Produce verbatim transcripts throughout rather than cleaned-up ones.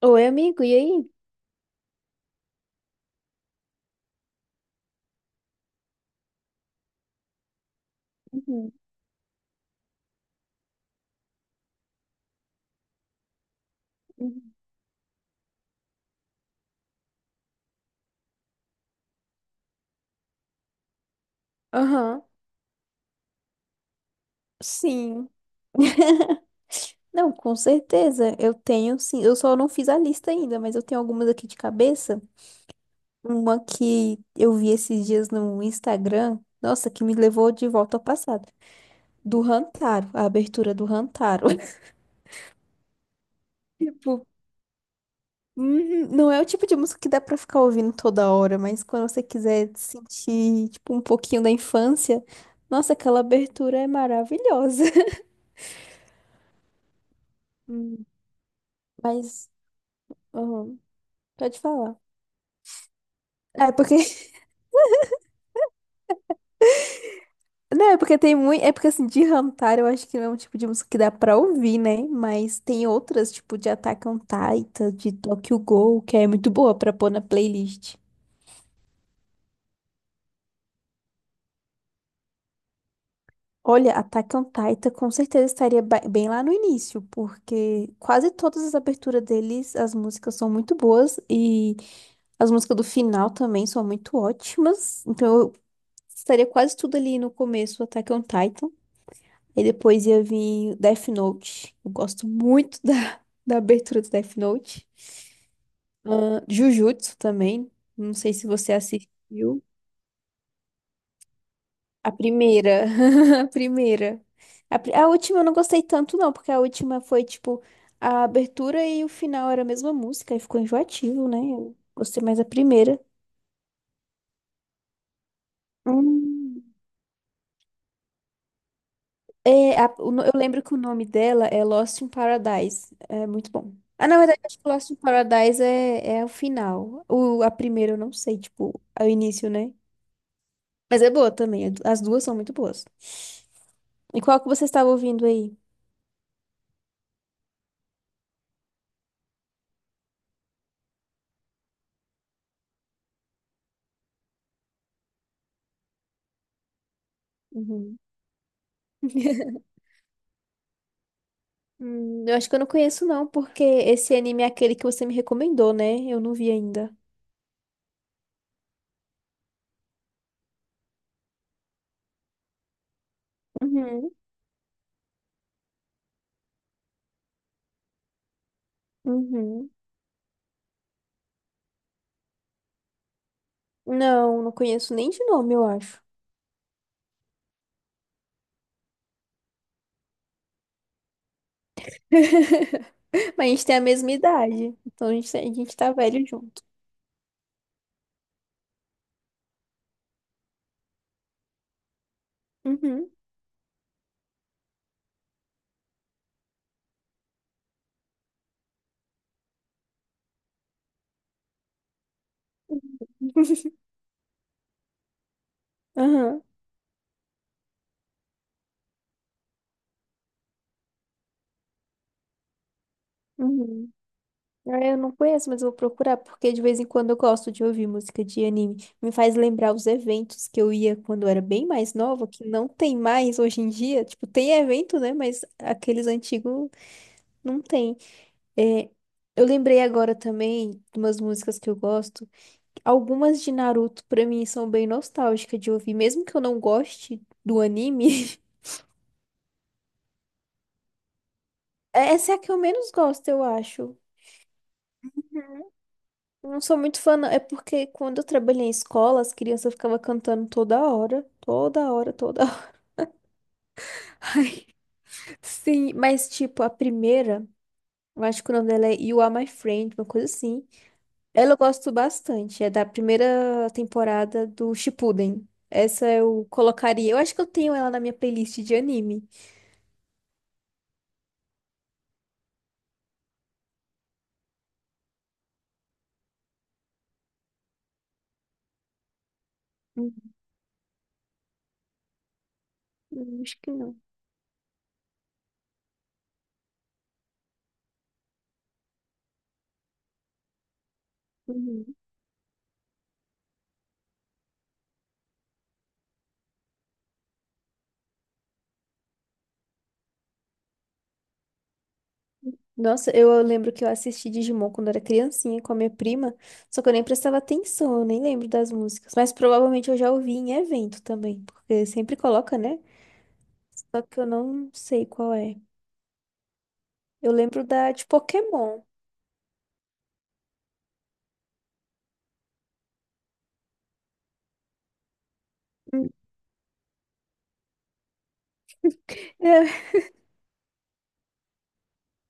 Oi, amigo, e aí? Uhum, uhum. Aham, sim. Não, com certeza. Eu tenho, sim. Eu só não fiz a lista ainda, mas eu tenho algumas aqui de cabeça. Uma que eu vi esses dias no Instagram. Nossa, que me levou de volta ao passado. Do Rantaro, a abertura do Rantaro. Tipo, uhum, não é o tipo de música que dá pra ficar ouvindo toda hora, mas quando você quiser sentir, tipo, um pouquinho da infância, nossa, aquela abertura é maravilhosa. Hum. Mas. Aham. Pode falar. É porque. Não, é porque tem muito. É porque assim, de Hantar eu acho que não é um tipo de música que dá pra ouvir, né? Mas tem outras, tipo de Attack on Titan, de Tokyo Ghoul, que é muito boa pra pôr na playlist. Olha, Attack on Titan com certeza estaria ba- bem lá no início, porque quase todas as aberturas deles, as músicas são muito boas e as músicas do final também são muito ótimas. Então eu estaria quase tudo ali no começo, Attack on Titan. E depois ia vir Death Note. Eu gosto muito da, da abertura do Death Note. Ahn, Jujutsu também. Não sei se você assistiu. A primeira. A primeira. A, pri- a última eu não gostei tanto, não, porque a última foi tipo a abertura e o final era a mesma música, aí ficou enjoativo, né? Eu gostei mais da primeira. Hum. É, a- o no- eu lembro que o nome dela é Lost in Paradise. É muito bom. Ah, na verdade, acho que Lost in Paradise é, é o final. O, a primeira eu não sei, tipo, é o início, né? Mas é boa também. As duas são muito boas. E qual que você estava ouvindo aí? Uhum. Hum, eu acho que eu não conheço, não, porque esse anime é aquele que você me recomendou, né? Eu não vi ainda. Uhum, uhum. Não, não conheço nem de nome, eu acho. Mas a gente tem a mesma idade, então a gente, a gente tá velho junto. Uhum, aham, uhum. Ah, eu não conheço, mas eu vou procurar, porque de vez em quando eu gosto de ouvir música de anime. Me faz lembrar os eventos que eu ia quando eu era bem mais nova, que não tem mais hoje em dia. Tipo, tem evento, né? Mas aqueles antigos não tem. É, eu lembrei agora também de umas músicas que eu gosto. Algumas de Naruto, pra mim, são bem nostálgicas de ouvir, mesmo que eu não goste do anime. Essa é a que eu menos gosto, eu acho. Eu não sou muito fã, não. É porque quando eu trabalhei em escola, as crianças ficavam cantando toda hora. Toda hora, toda hora. Sim, mas tipo, a primeira, eu acho que o nome dela é You Are My Friend, uma coisa assim. Ela eu gosto bastante. É da primeira temporada do Shippuden. Essa eu colocaria. Eu acho que eu tenho ela na minha playlist de anime. Hum, hum, Acho que não. Uhum. Nossa, eu lembro que eu assisti Digimon quando era criancinha com a minha prima, só que eu nem prestava atenção, eu nem lembro das músicas. Mas provavelmente eu já ouvi em evento também, porque sempre coloca, né? Só que eu não sei qual é. Eu lembro da de Pokémon. Hum. É,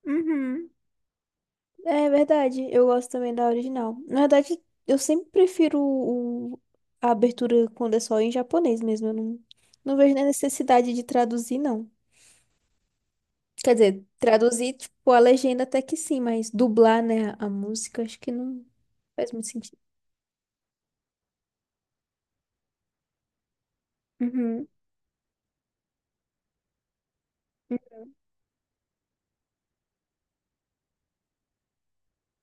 uhum. É verdade, eu gosto também da original. Na verdade, eu sempre prefiro o- a abertura quando é só em japonês mesmo. Eu não, não vejo nem necessidade de traduzir, não. Quer dizer, traduzir, tipo, a legenda até que sim, mas dublar, né, a música, acho que não faz muito sentido. Uhum.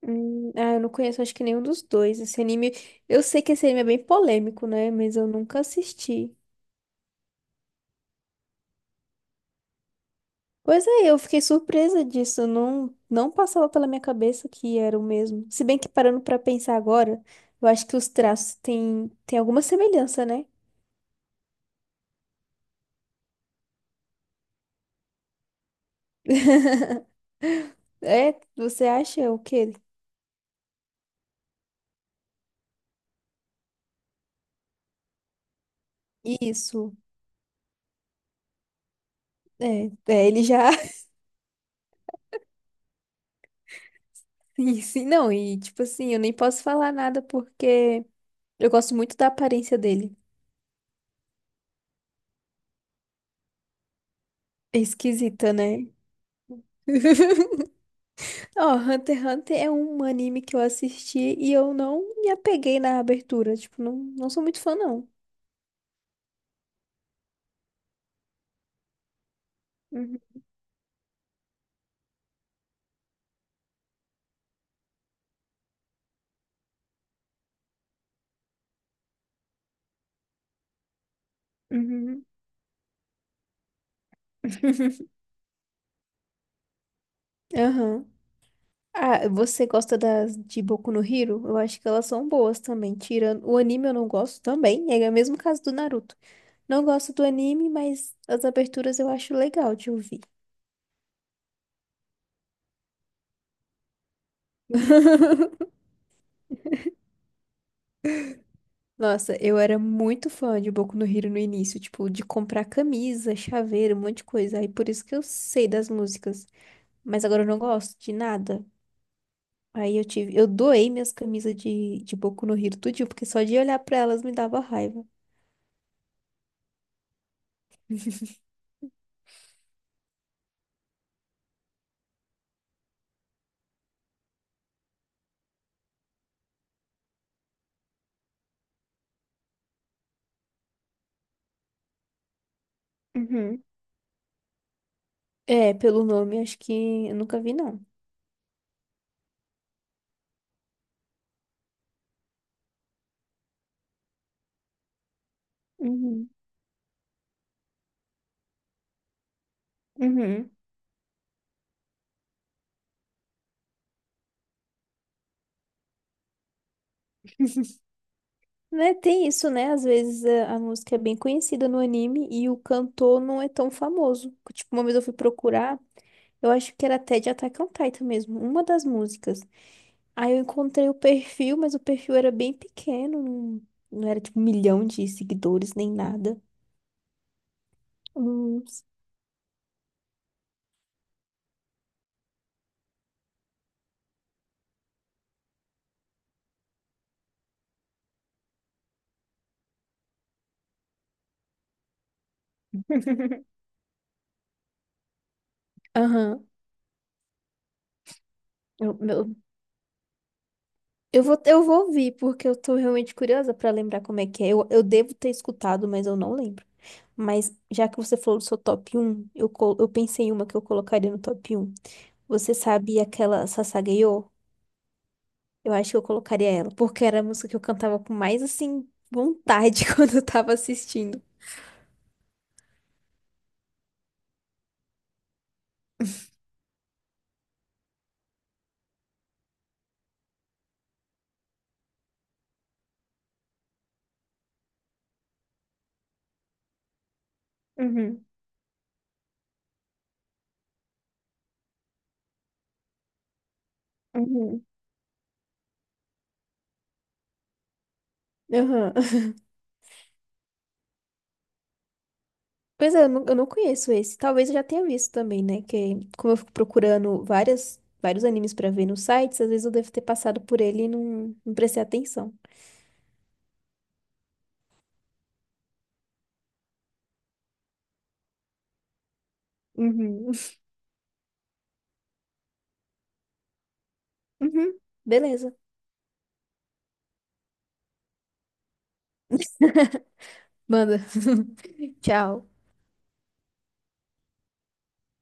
Hum, ah, eu não conheço, acho que nenhum dos dois. Esse anime, eu sei que esse anime é bem polêmico, né, mas eu nunca assisti. Pois é, eu fiquei surpresa disso, não, não passava pela minha cabeça que era o mesmo. Se bem que parando pra pensar agora, eu acho que os traços têm, têm alguma semelhança, né? É, você acha o quê? Isso. É, é, ele já. E sim, não, e tipo assim, eu nem posso falar nada porque eu gosto muito da aparência dele. É esquisita, né? Ó, Hunter x Hunter é um anime que eu assisti e eu não me apeguei na abertura. Tipo, não, não sou muito fã, não. Uhum. Uhum. Aham. Ah, você gosta das de Boku no Hero? Eu acho que elas são boas também. Tirando o anime, eu não gosto também. É o mesmo caso do Naruto. Não gosto do anime, mas as aberturas eu acho legal de ouvir. Nossa, eu era muito fã de Boku no Hero no início, tipo, de comprar camisa, chaveiro, um monte de coisa. Aí por isso que eu sei das músicas. Mas agora eu não gosto de nada. Aí eu tive, eu doei minhas camisas de, de Boku no Hero tudinho, porque só de olhar pra elas me dava raiva. Uhum. É, pelo nome, acho que eu nunca vi, não. Uhum. Uhum. Né, tem isso, né? Às vezes a, a música é bem conhecida no anime e o cantor não é tão famoso. Tipo, uma vez eu fui procurar, eu acho que era até de Attack on Titan mesmo, uma das músicas. Aí eu encontrei o perfil, mas o perfil era bem pequeno, não, não era tipo um milhão de seguidores nem nada. Hum. Aham. Eu- meu- Eu vou, eu vou ouvir, porque eu tô realmente curiosa pra lembrar como é que é. Eu, eu devo ter escutado, mas eu não lembro. Mas já que você falou do seu top um, eu, co- eu pensei em uma que eu colocaria no top um. Você sabe aquela Sasagayô? Eu acho que eu colocaria ela, porque era a música que eu cantava com mais, assim, vontade quando eu tava assistindo. Uhum, uhum, uhum. Pois é, eu não, eu não conheço esse. Talvez eu já tenha visto também, né? Que como eu fico procurando várias, vários animes pra ver nos sites, às vezes eu devo ter passado por ele e não, não prestei atenção. Uhum. Uhum. Beleza. Manda. Tchau.